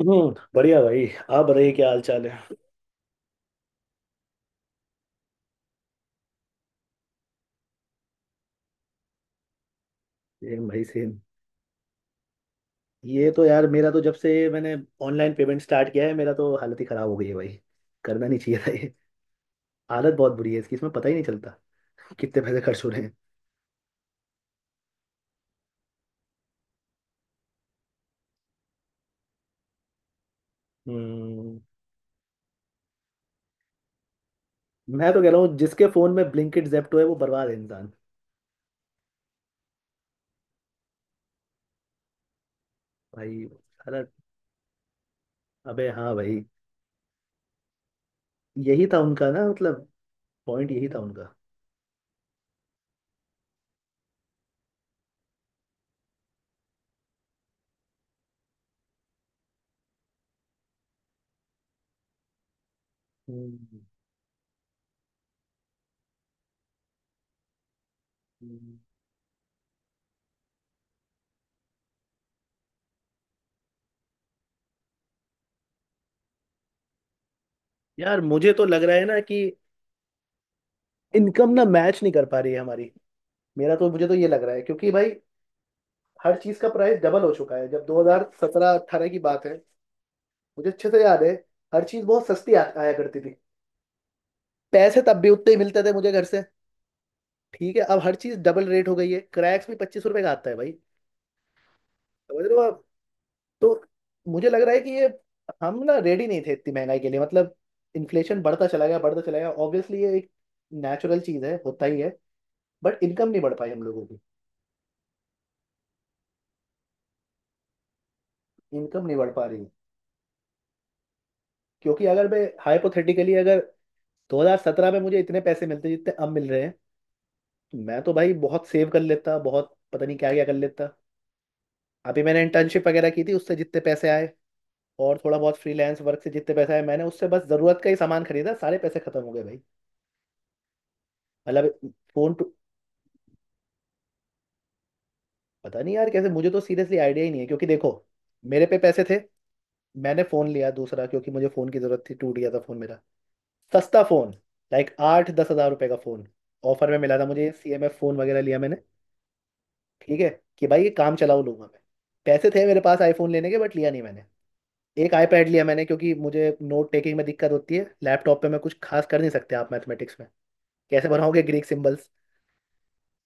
हम्म, बढ़िया भाई। आप बताइए क्या हाल चाल है? सेम भाई, सेम। ये तो यार, मेरा तो जब से मैंने ऑनलाइन पेमेंट स्टार्ट किया है मेरा तो हालत ही खराब हो गई है भाई। करना नहीं चाहिए था ये। हालत बहुत बुरी है इसकी, इसमें पता ही नहीं चलता कितने पैसे खर्च हो रहे हैं। हम्म। मैं तो कह रहा हूँ जिसके फोन में ब्लिंकिट, जेप्टो है वो बर्बाद है इंसान। भाई। अरे। अबे हाँ भाई। यही था उनका ना, मतलब पॉइंट यही था उनका। हम्म, हम्म। यार मुझे तो लग रहा है ना कि इनकम ना मैच नहीं कर पा रही है हमारी। मेरा तो, मुझे तो ये लग रहा है क्योंकि भाई हर चीज का प्राइस डबल हो चुका है। जब 2017 18 की बात है, मुझे अच्छे से याद है, हर चीज बहुत सस्ती आया करती थी। पैसे तब भी उतने ही मिलते थे मुझे घर से। ठीक है, अब हर चीज डबल रेट हो गई है। क्रैक्स भी 25 रुपए का आता है भाई। समझ रहे हो आप? तो मुझे लग रहा है कि ये हम ना रेडी नहीं थे इतनी महंगाई के लिए। मतलब इन्फ्लेशन बढ़ता चला गया, बढ़ता चला गया। ऑब्वियसली ये एक नेचुरल चीज है, होता ही है। बट इनकम नहीं बढ़ पाई हम लोगों की। इनकम नहीं बढ़ पा रही। क्योंकि अगर मैं हाइपोथेटिकली, अगर 2017 में मुझे इतने पैसे मिलते जितने अब मिल रहे हैं, तो मैं तो भाई बहुत सेव कर लेता, बहुत पता नहीं क्या क्या कर लेता। अभी मैंने इंटर्नशिप वगैरह की थी, उससे जितने पैसे आए और थोड़ा बहुत फ्रीलांस वर्क से जितने पैसे आए, मैंने उससे बस जरूरत का ही सामान खरीदा, सारे पैसे खत्म हो गए भाई। मतलब फोन तो, पता नहीं यार कैसे। मुझे तो सीरियसली आइडिया ही नहीं है। क्योंकि देखो, मेरे पे पैसे थे, मैंने फोन लिया दूसरा क्योंकि मुझे फोन की जरूरत थी, टूट गया था फोन मेरा। सस्ता फोन, लाइक 8-10 हज़ार रुपए का फोन ऑफर में मिला था मुझे। CMF फोन वगैरह लिया मैंने। ठीक है कि भाई ये काम चलाऊ लूंगा मैं। पैसे थे मेरे पास आईफोन लेने के, बट लिया नहीं मैंने। एक आईपैड लिया मैंने, क्योंकि मुझे नोट टेकिंग में दिक्कत होती है लैपटॉप पे। मैं कुछ खास कर नहीं सकते आप मैथमेटिक्स में, कैसे बनाओगे ग्रीक सिंबल्स?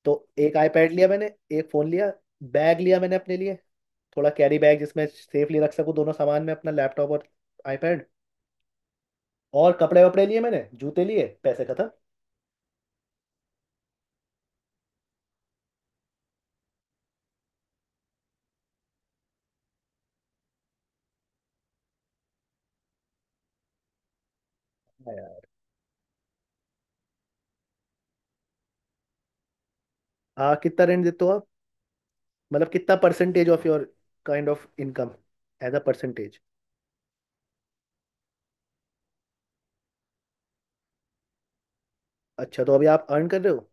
तो एक आईपैड लिया मैंने, एक फ़ोन लिया, बैग लिया मैंने अपने लिए, थोड़ा कैरी बैग जिसमें सेफली रख सकूँ दोनों सामान में अपना लैपटॉप और आईपैड। और कपड़े वपड़े लिए मैंने, जूते लिए, पैसे खत्म। हाँ यार। आ कितना रेंट देते हो आप? मतलब कितना percentage of your kind of income, as a percentage? अच्छा तो अभी आप अर्न कर रहे हो।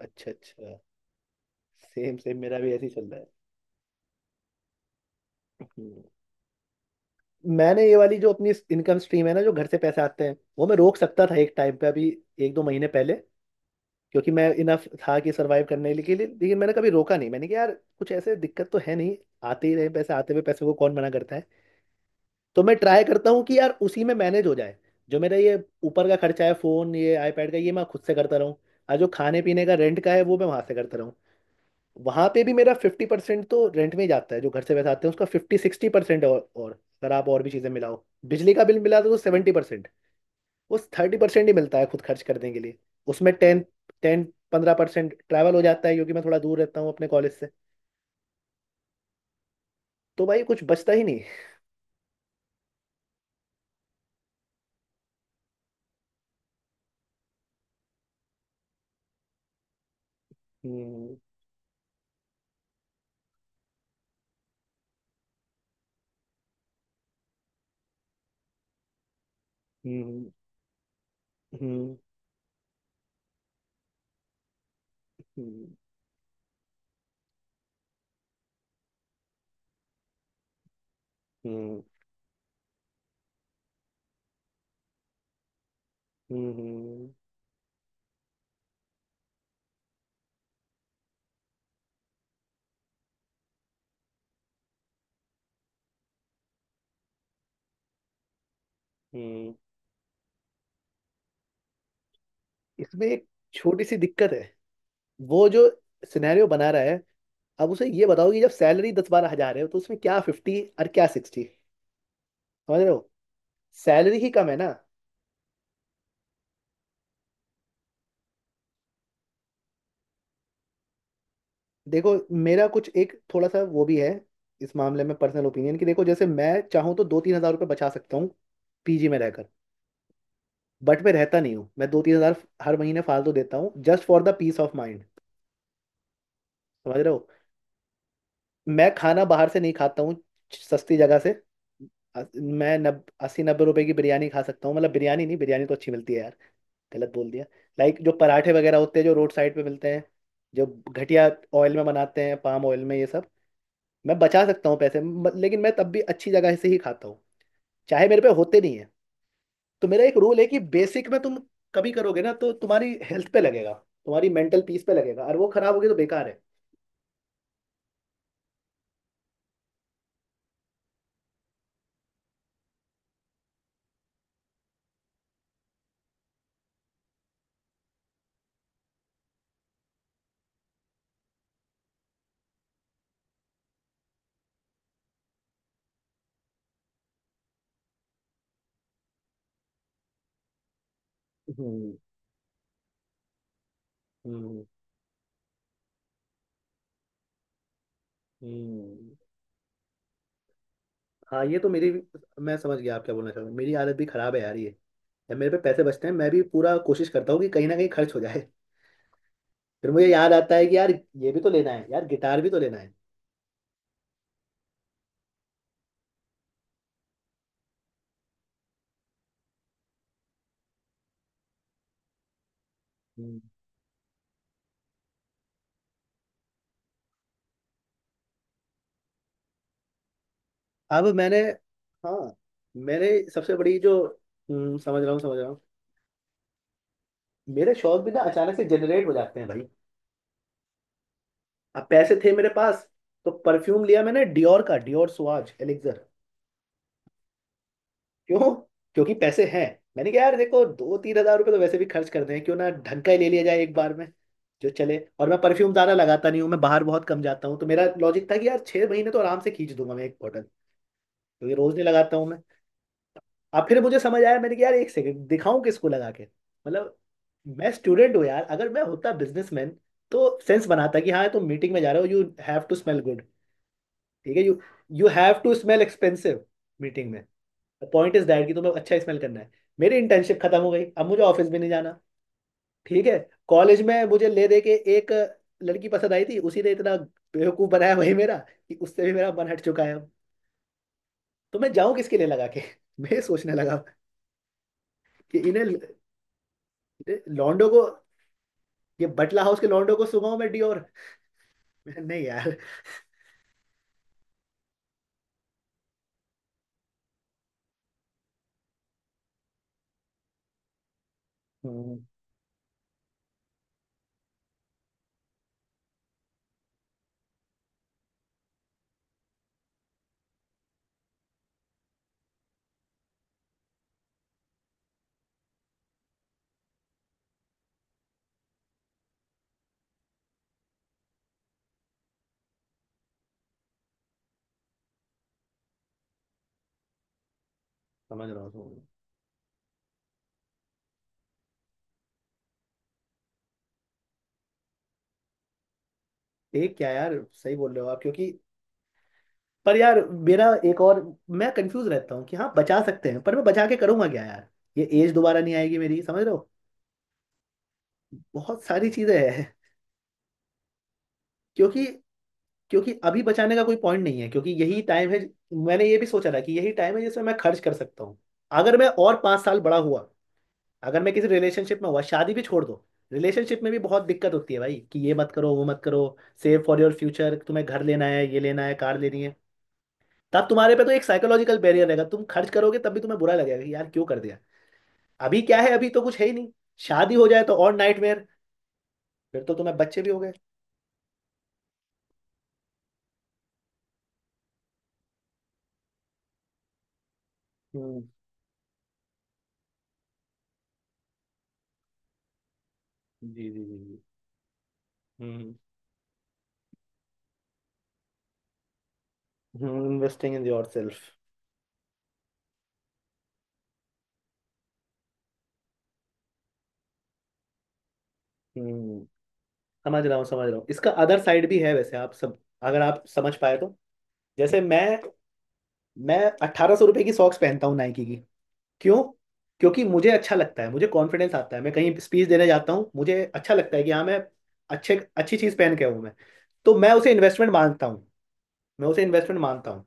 अच्छा अच्छा। सेम सेम, मेरा भी ऐसे ही चल रहा है। हम्म। मैंने ये वाली जो अपनी इनकम स्ट्रीम है ना, जो घर से पैसे आते हैं, वो मैं रोक सकता था एक टाइम पे, अभी 1-2 महीने पहले। क्योंकि मैं इनफ था कि सरवाइव करने के लिए, लेकिन मैंने कभी रोका नहीं। मैंने कहा यार कुछ ऐसे दिक्कत तो है नहीं, आते ही रहे पैसे, आते हुए पैसे को कौन मना करता है। तो मैं ट्राई करता हूँ कि यार उसी में मैनेज हो जाए। जो मेरा ये ऊपर का खर्चा है, फोन, ये आईपैड का, ये मैं खुद से करता रहूँ, और जो खाने पीने का, रेंट का है, वो मैं वहां से करता रहूँ। वहां पे भी मेरा 50% तो रेंट में ही जाता है। जो घर से पैसा आते हैं उसका 50-60%, और अगर आप और भी चीजें मिलाओ बिजली का बिल मिला तो 70%। उस 30% ही मिलता है खुद खर्च करने के लिए। उसमें 10-15% ट्रैवल हो जाता है क्योंकि मैं थोड़ा दूर रहता हूँ अपने कॉलेज से। तो भाई कुछ बचता ही नहीं। हम्म हम्म हम्म हम्म हम्म हम्म हम्म, हम्म। इसमें एक छोटी सी दिक्कत है। वो जो सिनेरियो बना रहा है, अब उसे ये बताओ कि जब सैलरी 10-12 हज़ार है, तो उसमें क्या फिफ्टी और क्या सिक्सटी? समझ रहे हो? सैलरी ही कम है ना। देखो, मेरा कुछ एक थोड़ा सा वो भी है इस मामले में पर्सनल ओपिनियन, कि देखो जैसे मैं चाहूँ तो 2-3 हज़ार रुपये बचा सकता हूँ पीजी में रहकर। बट मैं रहता नहीं हूँ। मैं 2-3 हज़ार हर महीने फालतू देता हूँ just for the peace of mind. समझ रहे हो? मैं खाना बाहर से नहीं खाता हूँ सस्ती जगह से। अ- मैं नब 80-90 रुपए की बिरयानी खा सकता हूँ, मतलब बिरयानी नहीं, बिरयानी तो अच्छी मिलती है यार, गलत बोल दिया। लाइक जो पराठे वगैरह होते हैं जो रोड साइड पे मिलते हैं, जो घटिया ऑयल में बनाते हैं, पाम ऑयल में ये सब। मैं बचा सकता हूँ पैसे, लेकिन मैं तब भी अच्छी जगह से ही खाता हूँ, चाहे मेरे पे होते नहीं है। तो मेरा एक रूल है कि बेसिक में तुम कभी करोगे ना, तो तुम्हारी हेल्थ पे लगेगा, तुम्हारी मेंटल पीस पे लगेगा, और वो खराब होगी तो बेकार है। हम्म हम्म हम्म। हाँ ये तो मेरी, मैं समझ गया आप क्या बोलना चाह रहे हो। मेरी आदत भी खराब है यार ये। यार मेरे पे पैसे बचते हैं, मैं भी पूरा कोशिश करता हूँ कि कहीं ना कहीं खर्च हो जाए। फिर मुझे याद आता है कि यार ये भी तो लेना है, यार गिटार भी तो लेना है। हम्म, अब मैंने, हाँ, मेरे सबसे बड़ी जो, समझ रहा हूँ समझ रहा हूँ। मेरे शौक भी ना अचानक से जनरेट हो जाते हैं भाई। अब पैसे थे मेरे पास तो परफ्यूम लिया मैंने डियोर का, डियोर सुआज एलिक्सर। क्यों? क्योंकि पैसे हैं। मैंने कहा यार देखो 2-3 हज़ार रुपये तो वैसे भी खर्च करते हैं, क्यों ना ढंग का ही ले लिया जाए एक बार में, जो चले। और मैं परफ्यूम ज्यादा लगाता नहीं हूँ, मैं बाहर बहुत कम जाता हूँ, तो मेरा लॉजिक था कि यार 6 महीने तो आराम से खींच दूंगा मैं एक बॉटल, क्योंकि रोज नहीं लगाता हूँ मैं। अब फिर मुझे समझ आया, मैंने कहा यार एक सेकंड, दिखाऊं किसको लगा के? मतलब मैं स्टूडेंट हूँ यार। अगर मैं होता बिजनेसमैन तो सेंस बनाता कि हाँ तुम मीटिंग में जा रहे हो, you have to smell good. ठीक है, you, you have to smell expensive meeting में। पॉइंट इज दैट कि तुम्हें अच्छा स्मेल करना है। मेरी इंटर्नशिप खत्म हो गई, अब मुझे ऑफिस भी नहीं जाना। ठीक है। कॉलेज में मुझे ले दे के एक लड़की पसंद आई थी, उसी ने इतना बेवकूफ बनाया, वही मेरा, कि उससे भी मेरा मन हट चुका है अब। तो मैं जाऊं किसके लिए लगा के? मैं ये सोचने लगा कि इन्हें, लॉन्डो को, ये बटला हाउस के लौंडों को सुनाओ मैं डियोर? नहीं यार। हम्म, समझ रहा हूँ समझ रहा हूँ। एक क्या यार, सही बोल रहे हो आप क्योंकि, पर यार मेरा एक और, मैं कंफ्यूज रहता हूँ कि हाँ बचा सकते हैं, पर मैं बचा के करूंगा क्या यार? ये एज दोबारा नहीं आएगी मेरी, समझ रहे हो? बहुत सारी चीजें हैं। क्योंकि, क्योंकि अभी बचाने का कोई पॉइंट नहीं है क्योंकि यही टाइम है। मैंने ये भी सोचा था कि यही टाइम है जिसमें मैं खर्च कर सकता हूँ। अगर मैं और 5 साल बड़ा हुआ, अगर मैं किसी रिलेशनशिप में हुआ, शादी भी छोड़ दो, रिलेशनशिप में भी बहुत दिक्कत होती है भाई, कि ये मत करो, वो मत करो, सेव फॉर योर फ्यूचर, तुम्हें घर लेना है, ये लेना है, कार लेनी है। तब तुम्हारे पे तो एक साइकोलॉजिकल बैरियर रहेगा, तुम खर्च करोगे तब भी तुम्हें बुरा लगेगा कि यार क्यों कर दिया। अभी क्या है, अभी तो कुछ है ही नहीं। शादी हो जाए तो और नाइटमेयर, फिर तो तुम्हें बच्चे भी हो गए। हम्म। जी जी जी जी। हम्म। Investing in yourself. हम्म, समझ रहा हूँ समझ रहा हूँ। इसका अदर साइड भी है वैसे आप, सब अगर आप समझ पाए तो। जैसे मैं 1,800 रुपए की सॉक्स पहनता हूँ नाइकी की। क्यों? क्योंकि मुझे अच्छा लगता है, मुझे कॉन्फिडेंस आता है। मैं कहीं स्पीच देने जाता हूँ, मुझे अच्छा लगता है कि हाँ मैं अच्छे, अच्छी चीज़ पहन के आऊँ मैं। तो मैं उसे इन्वेस्टमेंट मानता हूँ। मैं उसे इन्वेस्टमेंट मानता हूँ।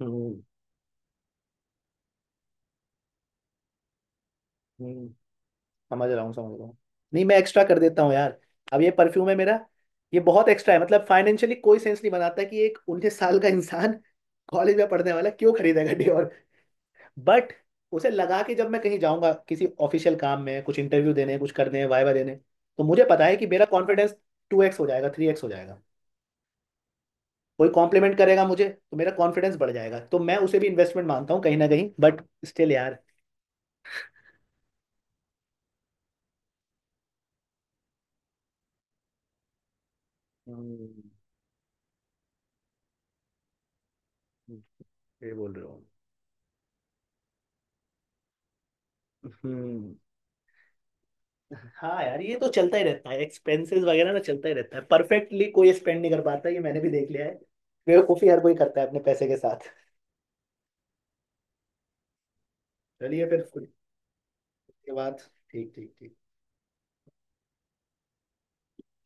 हम्म, हम्म, समझ रहा हूँ समझ रहा हूँ। नहीं मैं एक्स्ट्रा कर देता हूँ यार। अब ये परफ्यूम है मेरा, ये बहुत एक्स्ट्रा है। मतलब फाइनेंशियली कोई सेंस नहीं बनाता कि एक 19 साल का इंसान कॉलेज में पढ़ने वाला क्यों खरीदेगा डियोर? बट उसे लगा कि जब मैं कहीं जाऊंगा किसी ऑफिशियल काम में, कुछ इंटरव्यू देने, कुछ करने, वाइवा देने, तो मुझे पता है कि मेरा कॉन्फिडेंस 2X हो जाएगा, 3X हो जाएगा। कोई कॉम्प्लीमेंट करेगा मुझे, तो मेरा कॉन्फिडेंस बढ़ जाएगा। तो मैं उसे भी इन्वेस्टमेंट मानता हूँ कहीं ना कहीं, बट स्टिल यार। हम्म, ये बोल रहे हो। हम्म। हाँ यार ये तो चलता ही रहता है, एक्सपेंसेस वगैरह ना चलता ही रहता है। परफेक्टली कोई स्पेंड नहीं कर पाता, ये मैंने भी देख लिया है। बेवकूफी हर कोई करता है अपने पैसे के साथ। चलिए फिर। उसके बाद। ठीक ठीक ठीक।